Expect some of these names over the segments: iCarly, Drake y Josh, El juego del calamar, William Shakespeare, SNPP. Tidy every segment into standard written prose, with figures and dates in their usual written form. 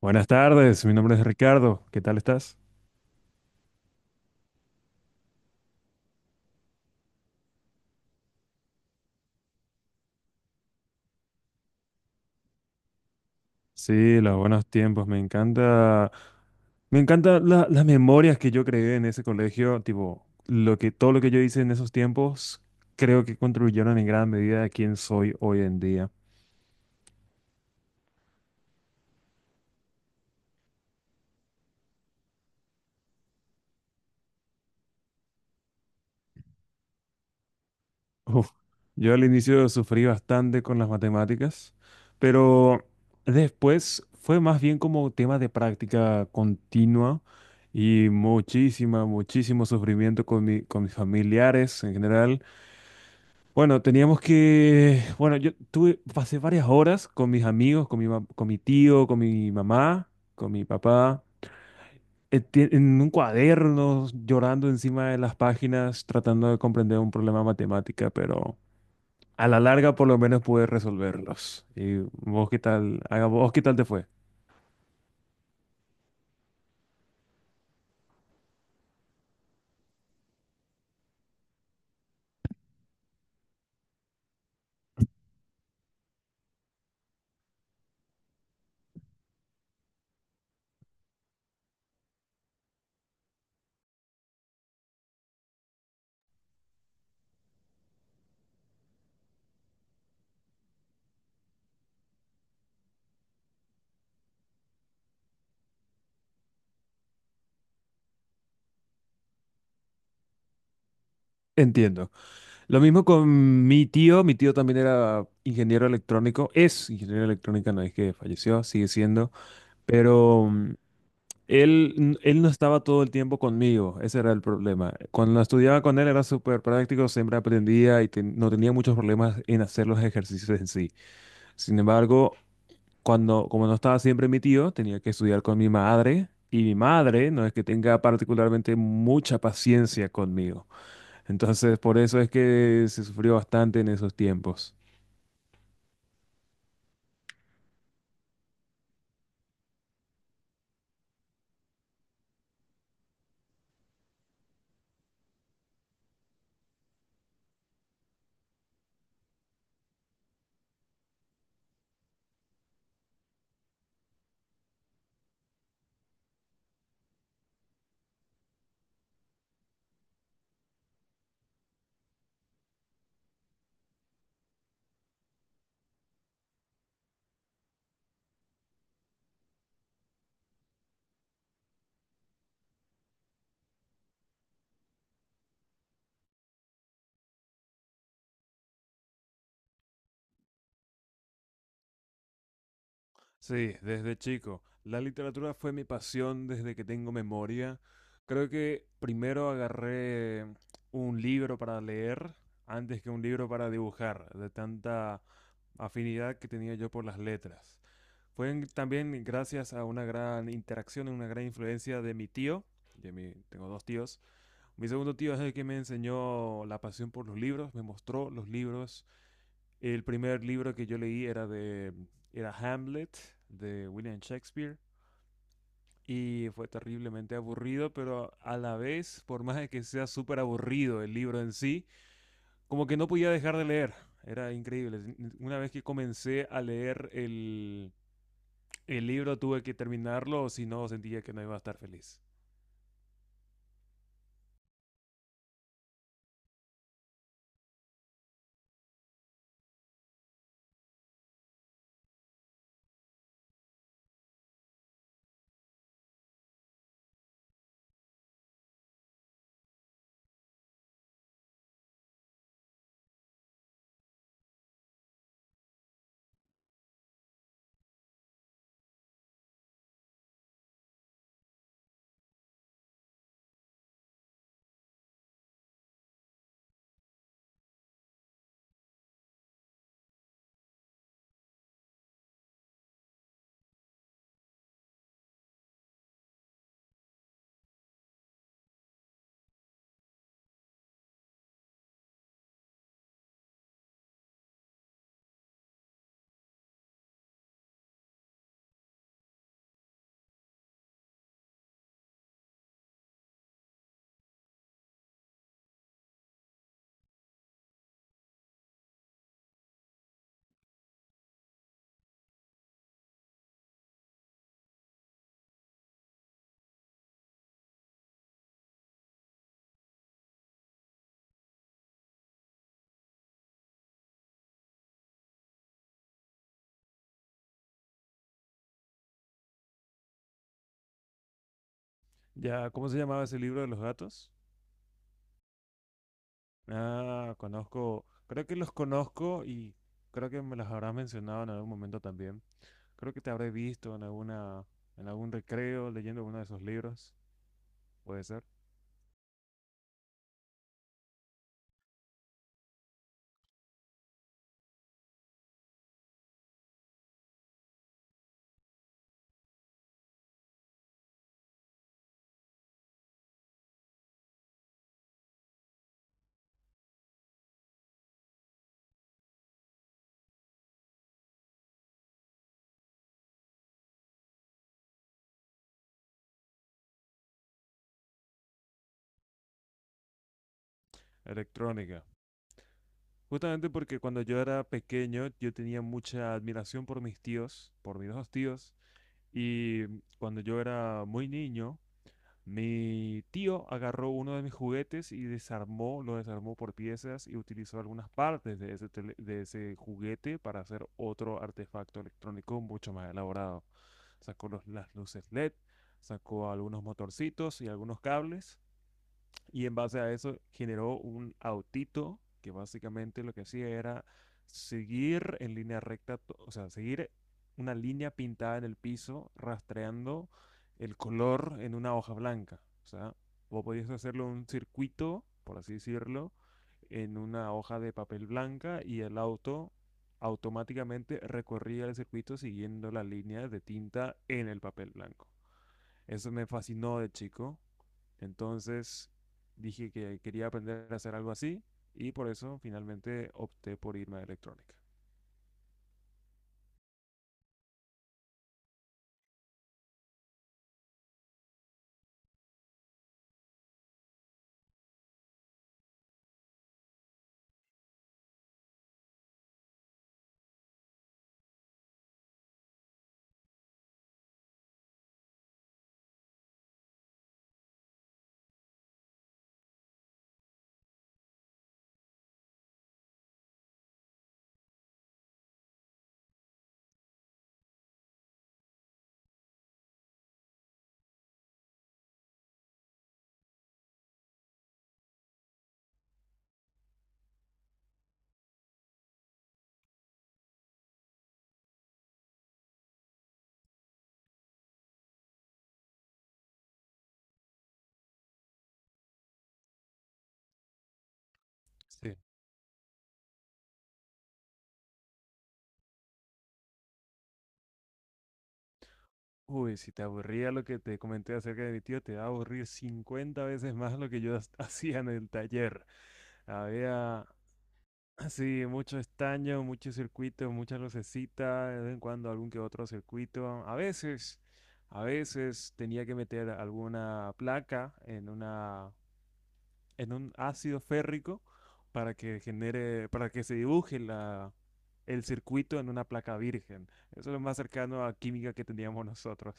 Buenas tardes, mi nombre es Ricardo. ¿Qué tal estás? Sí, los buenos tiempos. Me encanta las memorias que yo creé en ese colegio. Tipo, lo que todo lo que yo hice en esos tiempos, creo que contribuyeron en gran medida a quién soy hoy en día. Uf, yo al inicio sufrí bastante con las matemáticas, pero después fue más bien como tema de práctica continua y muchísimo sufrimiento con con mis familiares en general. Bueno, teníamos que, bueno, yo tuve, pasé varias horas con mis amigos, con con mi tío, con mi mamá, con mi papá, en un cuaderno, llorando encima de las páginas, tratando de comprender un problema de matemática, pero a la larga por lo menos pude resolverlos. ¿Y vos qué tal te fue? Entiendo. Lo mismo con mi tío también era ingeniero electrónico, es ingeniero electrónico, no es que falleció, sigue siendo. Pero Él, él no estaba todo el tiempo conmigo, ese era el problema. Cuando estudiaba con él era súper práctico, siempre aprendía y no tenía muchos problemas en hacer los ejercicios en sí. Sin embargo, como no estaba siempre mi tío, tenía que estudiar con mi madre y mi madre no es que tenga particularmente mucha paciencia conmigo. Entonces, por eso es que se sufrió bastante en esos tiempos. Sí, desde chico. La literatura fue mi pasión desde que tengo memoria. Creo que primero agarré un libro para leer antes que un libro para dibujar, de tanta afinidad que tenía yo por las letras. Fue también gracias a una gran interacción, una gran influencia de mi tío. Tengo dos tíos. Mi segundo tío es el que me enseñó la pasión por los libros, me mostró los libros. El primer libro que yo leí era de era Hamlet de William Shakespeare y fue terriblemente aburrido, pero a la vez, por más de que sea súper aburrido el libro en sí, como que no podía dejar de leer. Era increíble. Una vez que comencé a leer el libro tuve que terminarlo, o si no, sentía que no iba a estar feliz. Ya, ¿cómo se llamaba ese libro de los gatos? Ah, conozco, creo que los conozco y creo que me los habrás mencionado en algún momento también. Creo que te habré visto en en algún recreo leyendo uno de esos libros, puede ser. Electrónica. Justamente porque cuando yo era pequeño yo tenía mucha admiración por mis tíos, por mis dos tíos, y cuando yo era muy niño, mi tío agarró uno de mis juguetes y desarmó, lo desarmó por piezas y utilizó algunas partes de de ese juguete para hacer otro artefacto electrónico mucho más elaborado. Sacó las luces LED, sacó algunos motorcitos y algunos cables y en base a eso generó un autito que básicamente lo que hacía era seguir en línea recta, o sea, seguir una línea pintada en el piso, rastreando el color en una hoja blanca. O sea, vos podías hacerlo un circuito, por así decirlo, en una hoja de papel blanca y el auto automáticamente recorría el circuito siguiendo la línea de tinta en el papel blanco. Eso me fascinó de chico. Entonces dije que quería aprender a hacer algo así y por eso finalmente opté por irme a electrónica. Sí. Uy, si te aburría lo que te comenté acerca de mi tío, te va a aburrir 50 veces más lo que yo has- hacía en el taller. Había, sí, mucho estaño, muchos circuitos, muchas lucecitas, de vez en cuando algún que otro circuito. A veces tenía que meter alguna placa en una en un ácido férrico para que genere, para que se dibuje el circuito en una placa virgen. Eso es lo más cercano a química que teníamos nosotros.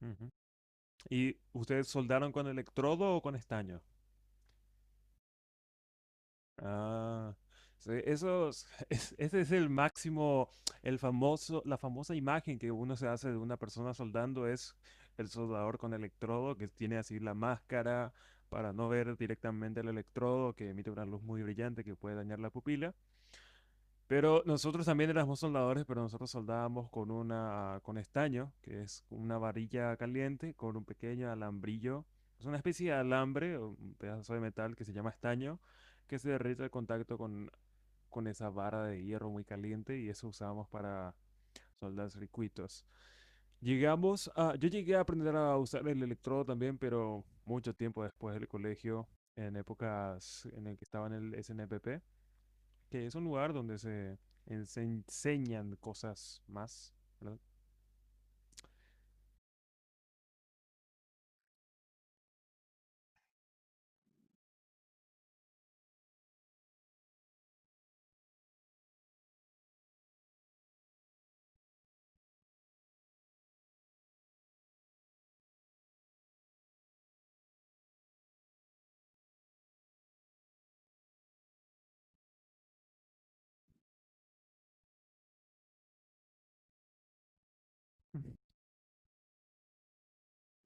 Ujú. ¿Y ustedes soldaron con electrodo o con estaño? Ah, sí, eso ese es el máximo, la famosa imagen que uno se hace de una persona soldando es el soldador con electrodo que tiene así la máscara para no ver directamente el electrodo que emite una luz muy brillante que puede dañar la pupila. Pero nosotros también éramos soldadores, pero nosotros soldábamos con con estaño, que es una varilla caliente con un pequeño alambrillo. Es una especie de alambre, o un pedazo de metal que se llama estaño, que se derrite al contacto con esa vara de hierro muy caliente y eso usábamos para soldar circuitos. Yo llegué a aprender a usar el electrodo también, pero mucho tiempo después del colegio, en épocas en el que estaba en el SNPP, que es un lugar donde se enseñan cosas más, ¿verdad?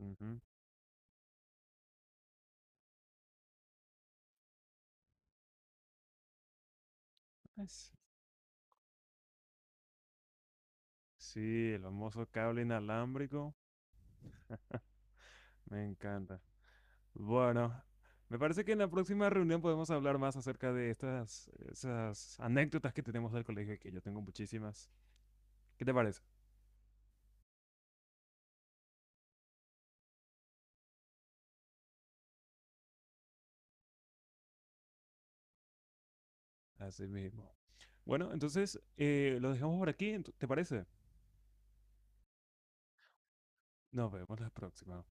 Ujú. Pues, sí, el famoso cable inalámbrico, me encanta. Bueno, me parece que en la próxima reunión podemos hablar más acerca de estas esas anécdotas que tenemos del colegio, que yo tengo muchísimas. ¿Qué te parece? Así mismo. Bueno, entonces lo dejamos por aquí, ¿te parece? Nos vemos la próxima.